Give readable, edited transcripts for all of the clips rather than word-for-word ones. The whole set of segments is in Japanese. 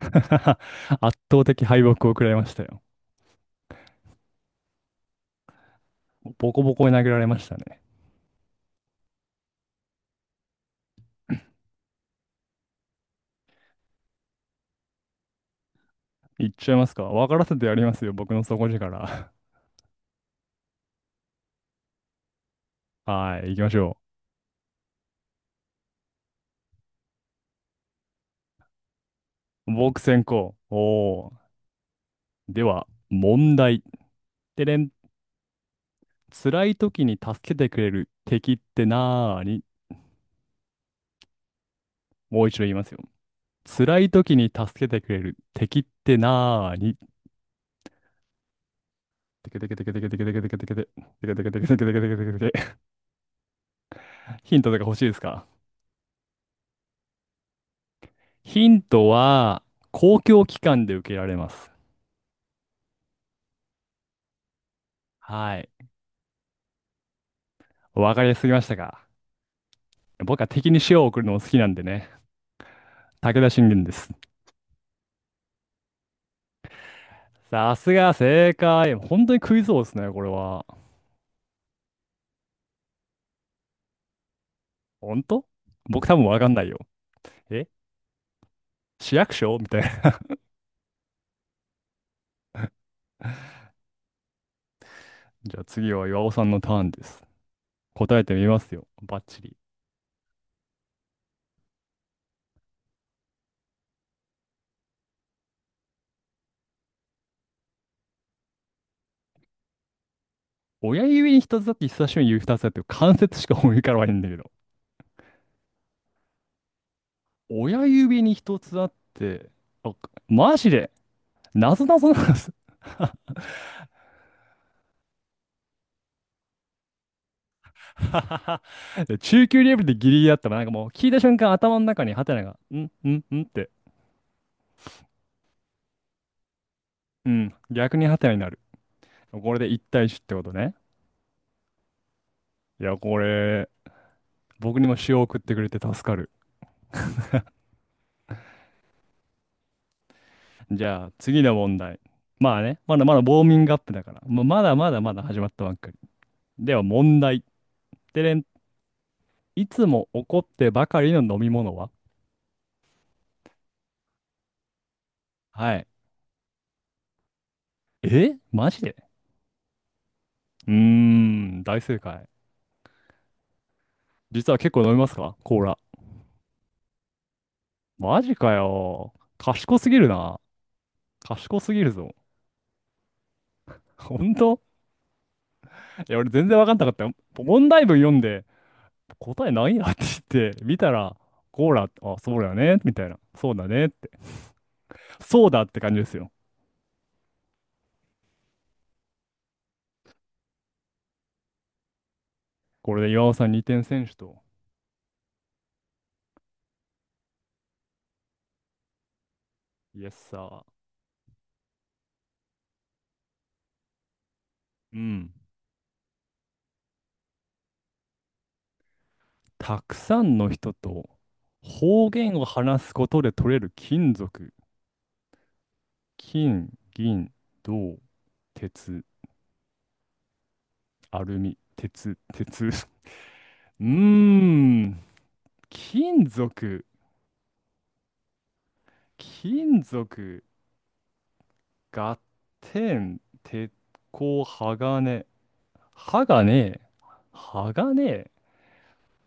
圧倒的敗北を食らいましたよ。ボコボコに投げられましたね。いっちゃいますか？分からせてやりますよ。僕の底力。はい、行きましょう。僕先行。おー。では、問題。てれん。辛い時に助けてくれる敵ってなーに？もう一度言いますよ。辛い時に助けてくれる敵ってなーに？てけてけてけてけてけてけてけてけてけてけてけてけてけてけてけてけて、ヒントとか欲しいですか？ヒントは、公共機関で受けられます。はい。わかりやすすぎましたが、僕は敵に塩を送るのも好きなんでね、武田信玄です。さすが正解。本当にクイズ王ですね、これは。本当、僕多分わかんないよ。え、市役所みたいな。じゃあ次は岩尾さんのターンです。答えてみますよ。バッチリ。親指に一つあって、人差し指に指二つあって、関節しか思い浮かばないんだけど。親指に一つあって、あ、マジで、なぞなぞなんです。中級レベルでギリギリだったら、なんかもう聞いた瞬間頭の中にハテナが、んんんって、うん、逆にハテナになる。これで一対1ってことね。いや、これ、僕にも塩を送ってくれて助かる。じゃあ、次の問題。まあね、まだまだウォーミングアップだから。もうまだまだまだ始まったばっかり。では、問題。てれん、いつも怒ってばかりの飲み物は？はい。え、マジで？うーん、大正解。実は結構飲みますか、コーラ？マジかよ。賢すぎるな。賢すぎるぞ。本当？いや、俺全然わかんなかったよ。問題文読んで、答えないやって言って、見たら、コーラ、あ、そうだよね、みたいな。そうだねって。そうだって感じですよ。これで岩尾さん2点選手と、イエスサー。うん。たくさんの人と方言を話すことで取れる金属。金、銀、銅、鉄、アルミ、鉄。うーん、金属、金属、合点、鉄鋼、鋼、鋼、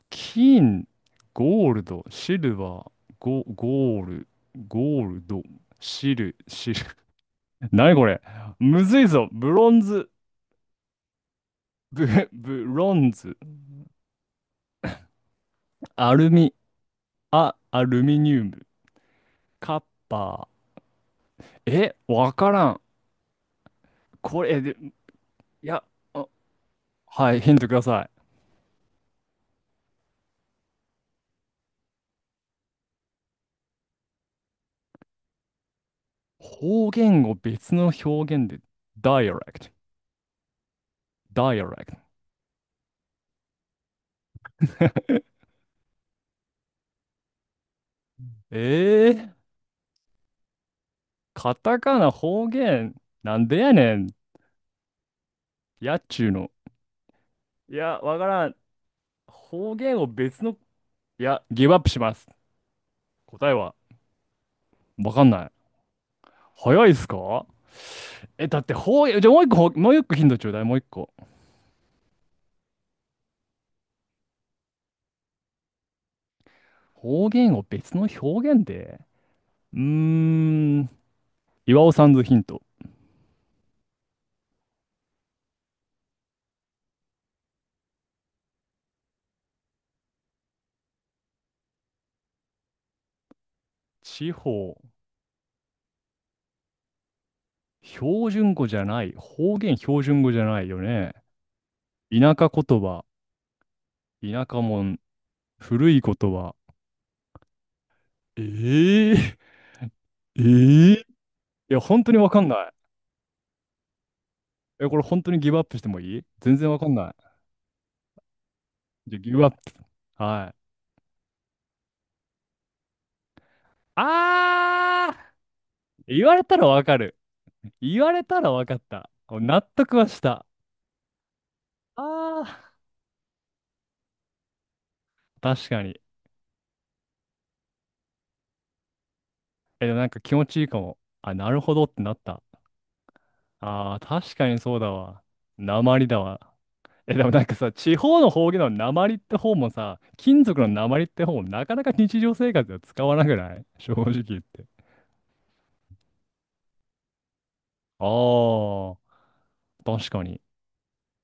金、ゴールド、シルバー、ゴール、ゴールド、シル。何これ、むずいぞ。ブ、ブロンズ、アルミ、アルミニウム、カッパー。え、わからん。これ、えで、いや、あ、はい、ヒントください。方言を別の表現で、dialect、dialect。えー、カタカナ方言、なんでやねん、やっちゅうの。いや、わからん。方言を別の、いや、ギブアップします。答えは、わかんない。早いっすか？え、だって方言、じゃあもう一個、もう一個ヒントちょうだい、もう一個。方言を別の表現で。うーん、岩尾さんのヒント。地方、標準語じゃない、方言標準語じゃないよね。田舎言葉、田舎もん、古い言葉。ええええいや、本当にわかんない。え、これ本当にギブアップしてもいい？全然わかんない。じゃあ、ギブアップ。はい。あー、言われたらわかる。言われたらわかった。納得はした。あー、確かに。え、でもなんか気持ちいいかも。あ、なるほどってなった。あー確かにそうだわ。なまりだわ。え、でもなんかさ、地方の方言の鉛って方もさ、金属の鉛って方もなかなか日常生活では使わなくない？ 正直言って。ああ、確かに。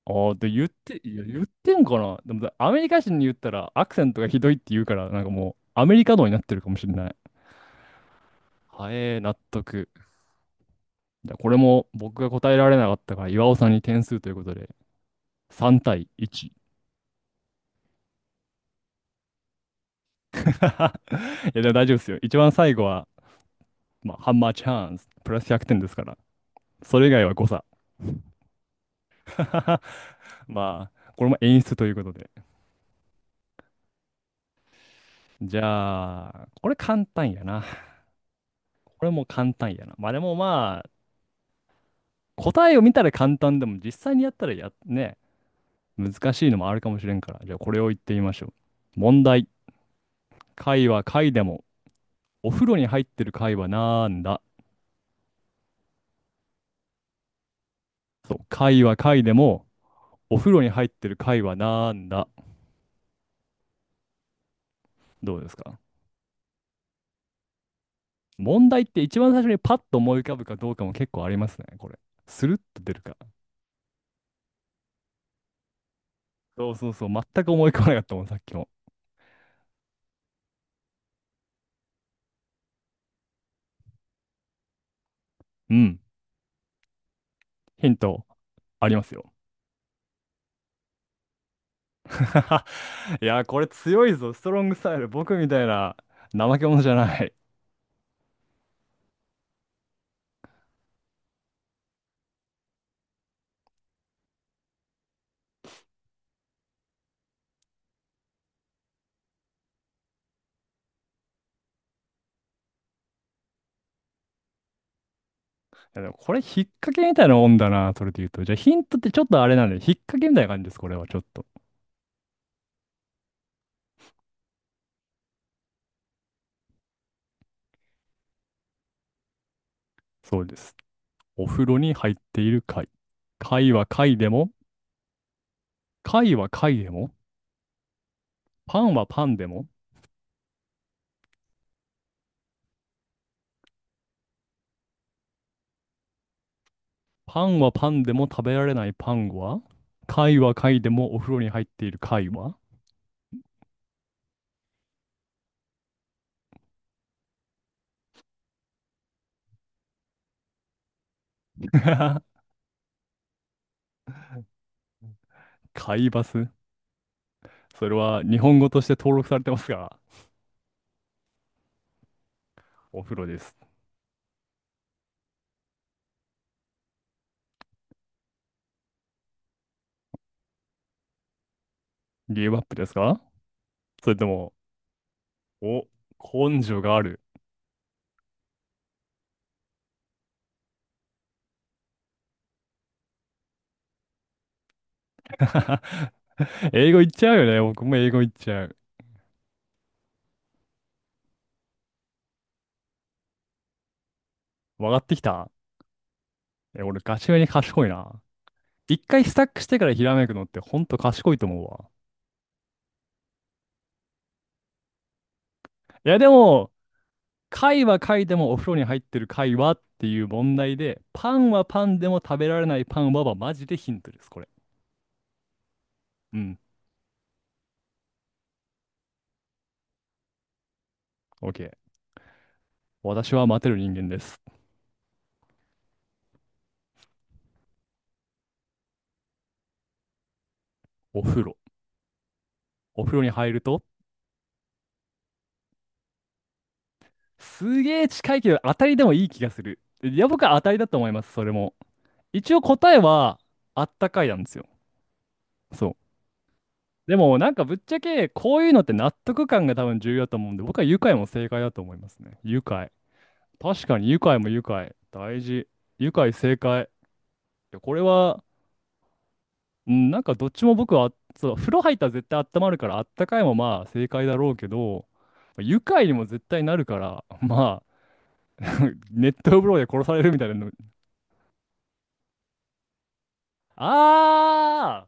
ああ、で言って、いや、言ってんかな、でもアメリカ人に言ったらアクセントがひどいって言うから、なんかもうアメリカのになってるかもしれない。はえー、納得。じゃあこれも僕が答えられなかったから、岩尾さんに点数ということで、3対1。いや、でも大丈夫ですよ。一番最後は、まあ、ハンマーチャンス、プラス100点ですから。それ以外は誤差。まあ、これも演出ということで。じゃあ、これ簡単やな。これも簡単やな。まあでもまあ、答えを見たら簡単でも実際にやったらや、ね、難しいのもあるかもしれんから。じゃあこれを言ってみましょう。問題。貝は貝でも、お風呂に入ってる貝はなんだ？そう、貝は貝でも、お風呂に入ってる貝はなんだ？どうですか？問題って一番最初にパッと思い浮かぶかどうかも結構ありますね、これ。スルッと出るか。そうそうそう。全く思い浮かばなかったもん、さっきも。うん。ヒント、ありますよ。いや、これ強いぞ。ストロングスタイル。僕みたいな怠け者じゃない。いやでもこれ、引っ掛けみたいなもんだな、それで言うと。じゃあ、ヒントってちょっとあれなんで、引っ掛けみたいな感じです、これは、ちょっと。そうです。お風呂に入っている貝。貝は貝でも、貝は貝でも、パンはパンでも、パンはパンでも食べられないパンは、貝は貝でもお風呂に入っている貝は、貝バス。それは日本語として登録されてますが、お風呂です。ゲームアップですか？それとも、お、根性がある。英語言っちゃうよね。僕も英語言っちゃう。分かってきた。え、俺ガチめに賢いな。一回スタックしてからひらめくのってほんと賢いと思うわ。いやでも、貝は貝でもお風呂に入ってる貝はっていう問題で、パンはパンでも食べられないパンははマジでヒントです、これ。うん。OK。私は待てる人間です。お風呂。お風呂に入ると、すげえ近いけど当たりでもいい気がする。いや、僕は当たりだと思います、それも。一応答えはあったかいなんですよ。そう。でもなんかぶっちゃけこういうのって納得感が多分重要だと思うんで、僕は愉快も正解だと思いますね。愉快。確かに愉快も愉快。大事。愉快正解。いや、これは、うん、なんかどっちも僕は、そう、風呂入ったら絶対温まるからあったかいもまあ正解だろうけど、愉快にも絶対なるから、まあ、熱湯風呂で殺されるみたいなの。ああ、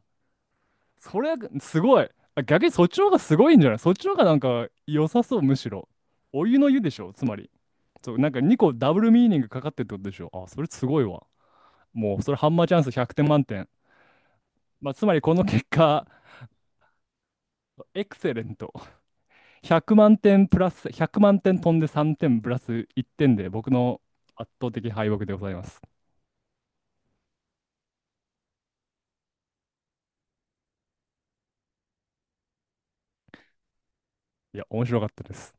それはすごい。あ、逆にそっちの方がすごいんじゃない？そっちの方がなんか良さそう、むしろ。お湯の湯でしょ、つまり。そう、なんか2個ダブルミーニングかかってるってことでしょ。あ、それすごいわ。もう、それハンマーチャンス100点満点。まあ、つまりこの結果、エクセレント。100万点プラス、100万点飛んで3点プラス1点で、僕の圧倒的敗北でございます。いや、面白かったです。